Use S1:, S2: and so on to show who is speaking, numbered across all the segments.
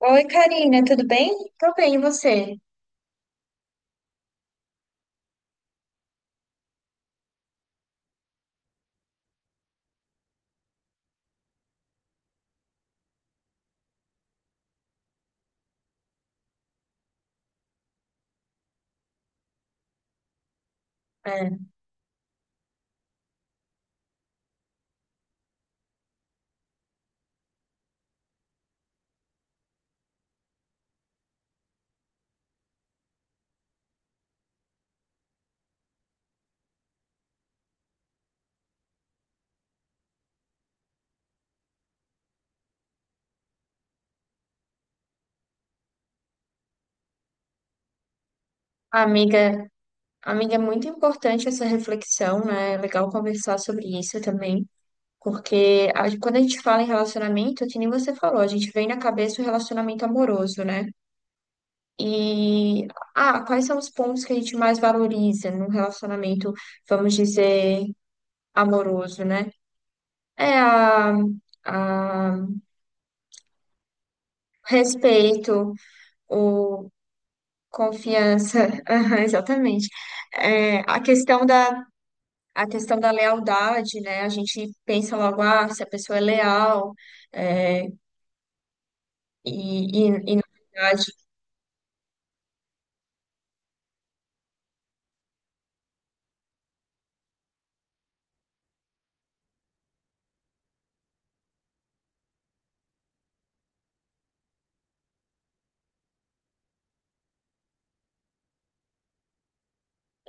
S1: Oi, Karina, tudo bem? Tô bem, e você? É, amiga, amiga, é muito importante essa reflexão, né? É legal conversar sobre isso também, porque quando a gente fala em relacionamento, é que nem você falou, a gente vem na cabeça o relacionamento amoroso, né? E, Quais são os pontos que a gente mais valoriza num relacionamento, vamos dizer, amoroso, né? É a respeito, confiança. Aham, exatamente. É, a questão da lealdade, né? A gente pensa logo, ah, se a pessoa é leal, é, e, na verdade.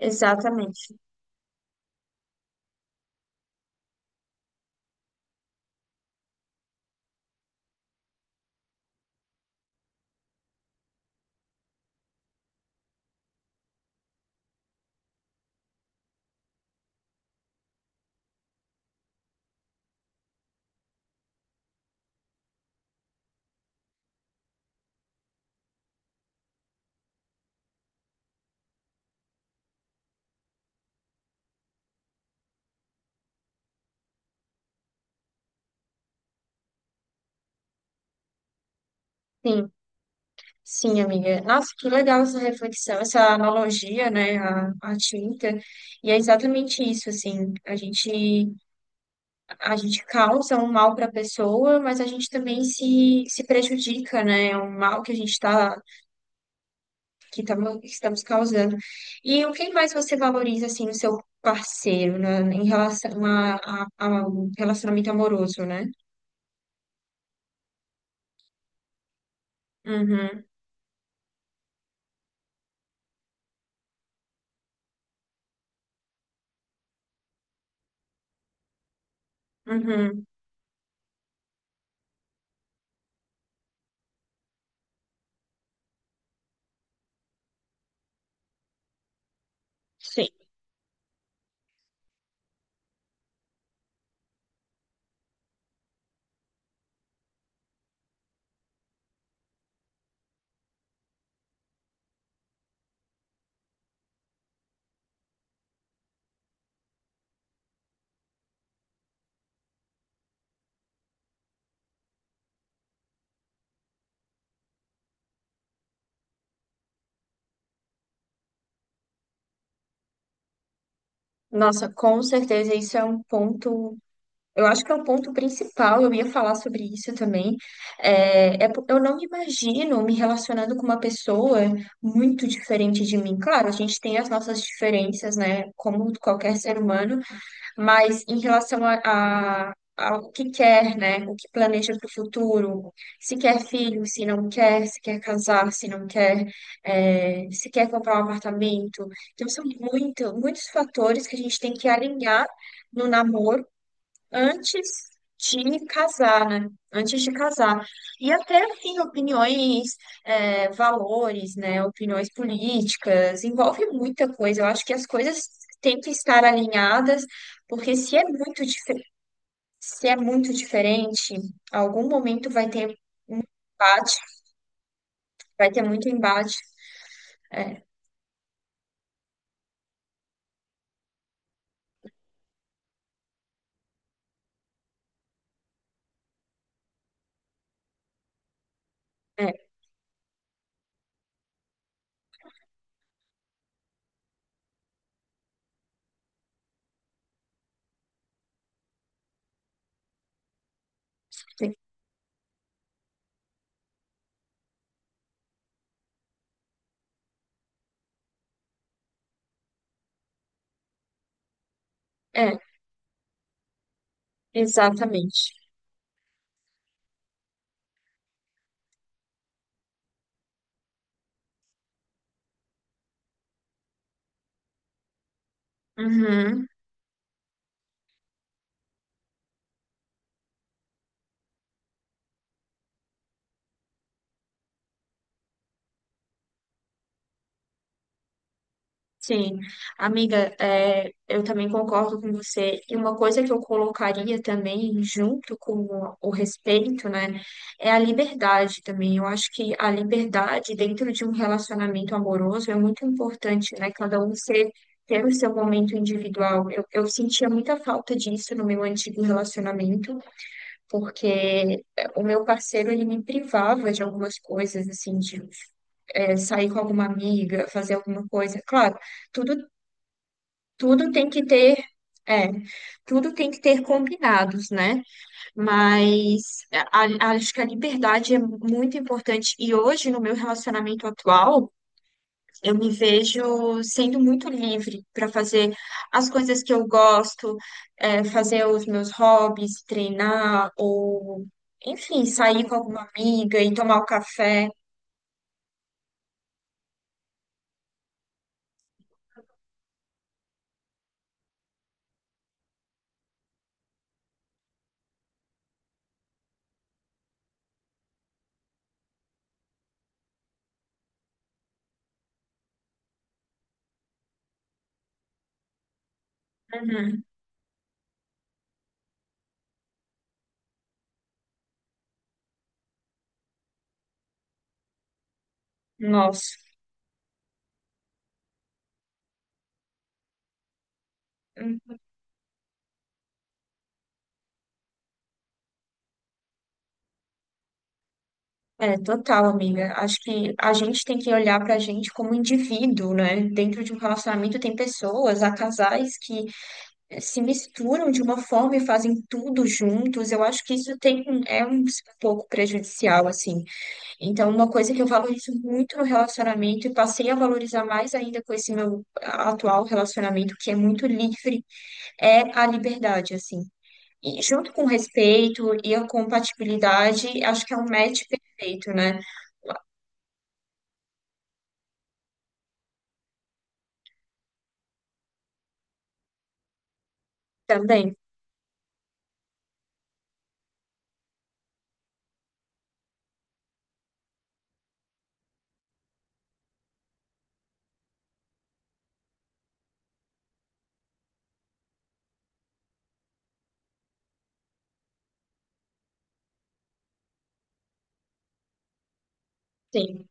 S1: Exatamente. Sim, sim, amiga. Nossa, que legal essa reflexão, essa analogia, né? A tinta. E é exatamente isso, assim. A gente causa um mal para a pessoa, mas a gente também se prejudica, né? É um mal que a gente está que estamos causando. E o que mais você valoriza, assim, no seu parceiro, né, em relação ao relacionamento amoroso, né? Uhum, uhum, sim. Nossa, com certeza isso é um ponto. Eu acho que é um ponto principal. Eu ia falar sobre isso também. Eu não me imagino me relacionando com uma pessoa muito diferente de mim. Claro, a gente tem as nossas diferenças, né? Como qualquer ser humano. Mas em relação ao que quer, né? O que planeja para o futuro, se quer filho, se não quer, se quer casar, se não quer, se quer comprar um apartamento. Então, são muitos fatores que a gente tem que alinhar no namoro antes de casar, né? Antes de casar. E até, assim, opiniões, é, valores, né? Opiniões políticas, envolve muita coisa. Eu acho que as coisas têm que estar alinhadas, porque se é muito diferente, algum momento vai ter embate, vai ter muito embate. É, é, Exatamente. Uhum. Sim, amiga, é, eu também concordo com você. E uma coisa que eu colocaria também, junto com o respeito, né, é a liberdade também. Eu acho que a liberdade dentro de um relacionamento amoroso é muito importante, né? Cada um ser, ter o seu momento individual. Eu sentia muita falta disso no meu antigo relacionamento, porque é, o meu parceiro, ele me privava de algumas coisas, assim, de é, sair com alguma amiga, fazer alguma coisa. Claro. Tudo Tudo tem que ter, é, tudo tem que ter combinados, né? Mas é, a- Acho que a liberdade é muito importante. E hoje, no meu relacionamento atual, eu me vejo sendo muito livre para fazer as coisas que eu gosto, é, fazer os meus hobbies, treinar, ou, enfim, sair com alguma amiga e tomar um café. Uhum. Nossa. É, total, amiga. Acho que a gente tem que olhar pra gente como indivíduo, né? Dentro de um relacionamento tem pessoas, há casais que se misturam de uma forma e fazem tudo juntos. Eu acho que isso tem, é um pouco prejudicial, assim. Então, uma coisa que eu valorizo muito no relacionamento e passei a valorizar mais ainda com esse meu atual relacionamento, que é muito livre, é a liberdade, assim. E junto com o respeito e a compatibilidade, acho que é um match perfeito, né? Também. Sim.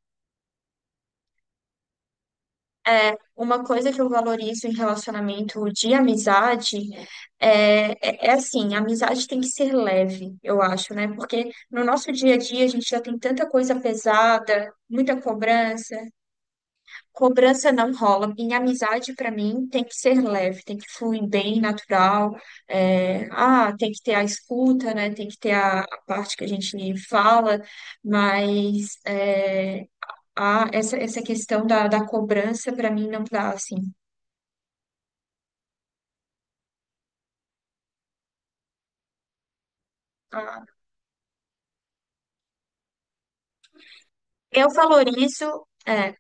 S1: Uma coisa que eu valorizo em relacionamento de amizade é assim, a amizade tem que ser leve, eu acho, né? Porque no nosso dia a dia a gente já tem tanta coisa pesada, muita cobrança. Cobrança não rola. Em amizade, para mim, tem que ser leve, tem que fluir bem, natural. É, ah, tem que ter a escuta, né? Tem que ter a parte que a gente fala, mas é, ah, essa questão da cobrança para mim não dá, assim. Ah, eu valorizo, é,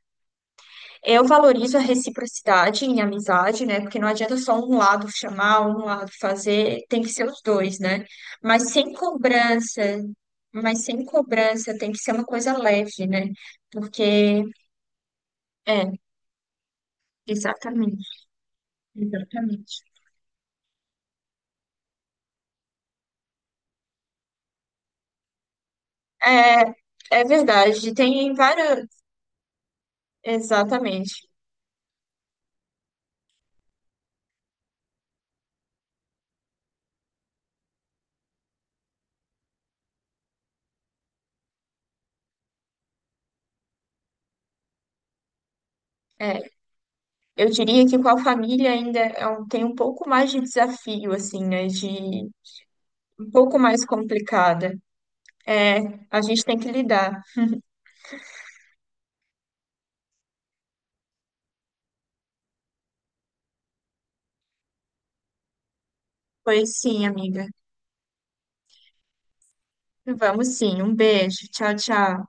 S1: eu valorizo a reciprocidade em amizade, né? Porque não adianta só um lado chamar, um lado fazer, tem que ser os dois, né? Mas sem cobrança, mas sem cobrança tem que ser uma coisa leve, né? Porque, é, exatamente, exatamente. É, é verdade, tem várias, exatamente. É. Eu diria que com a família ainda tem um pouco mais de desafio, assim, né? De um pouco mais complicada. É, a gente tem que lidar. Pois sim, amiga. Vamos sim. Um beijo. Tchau, tchau.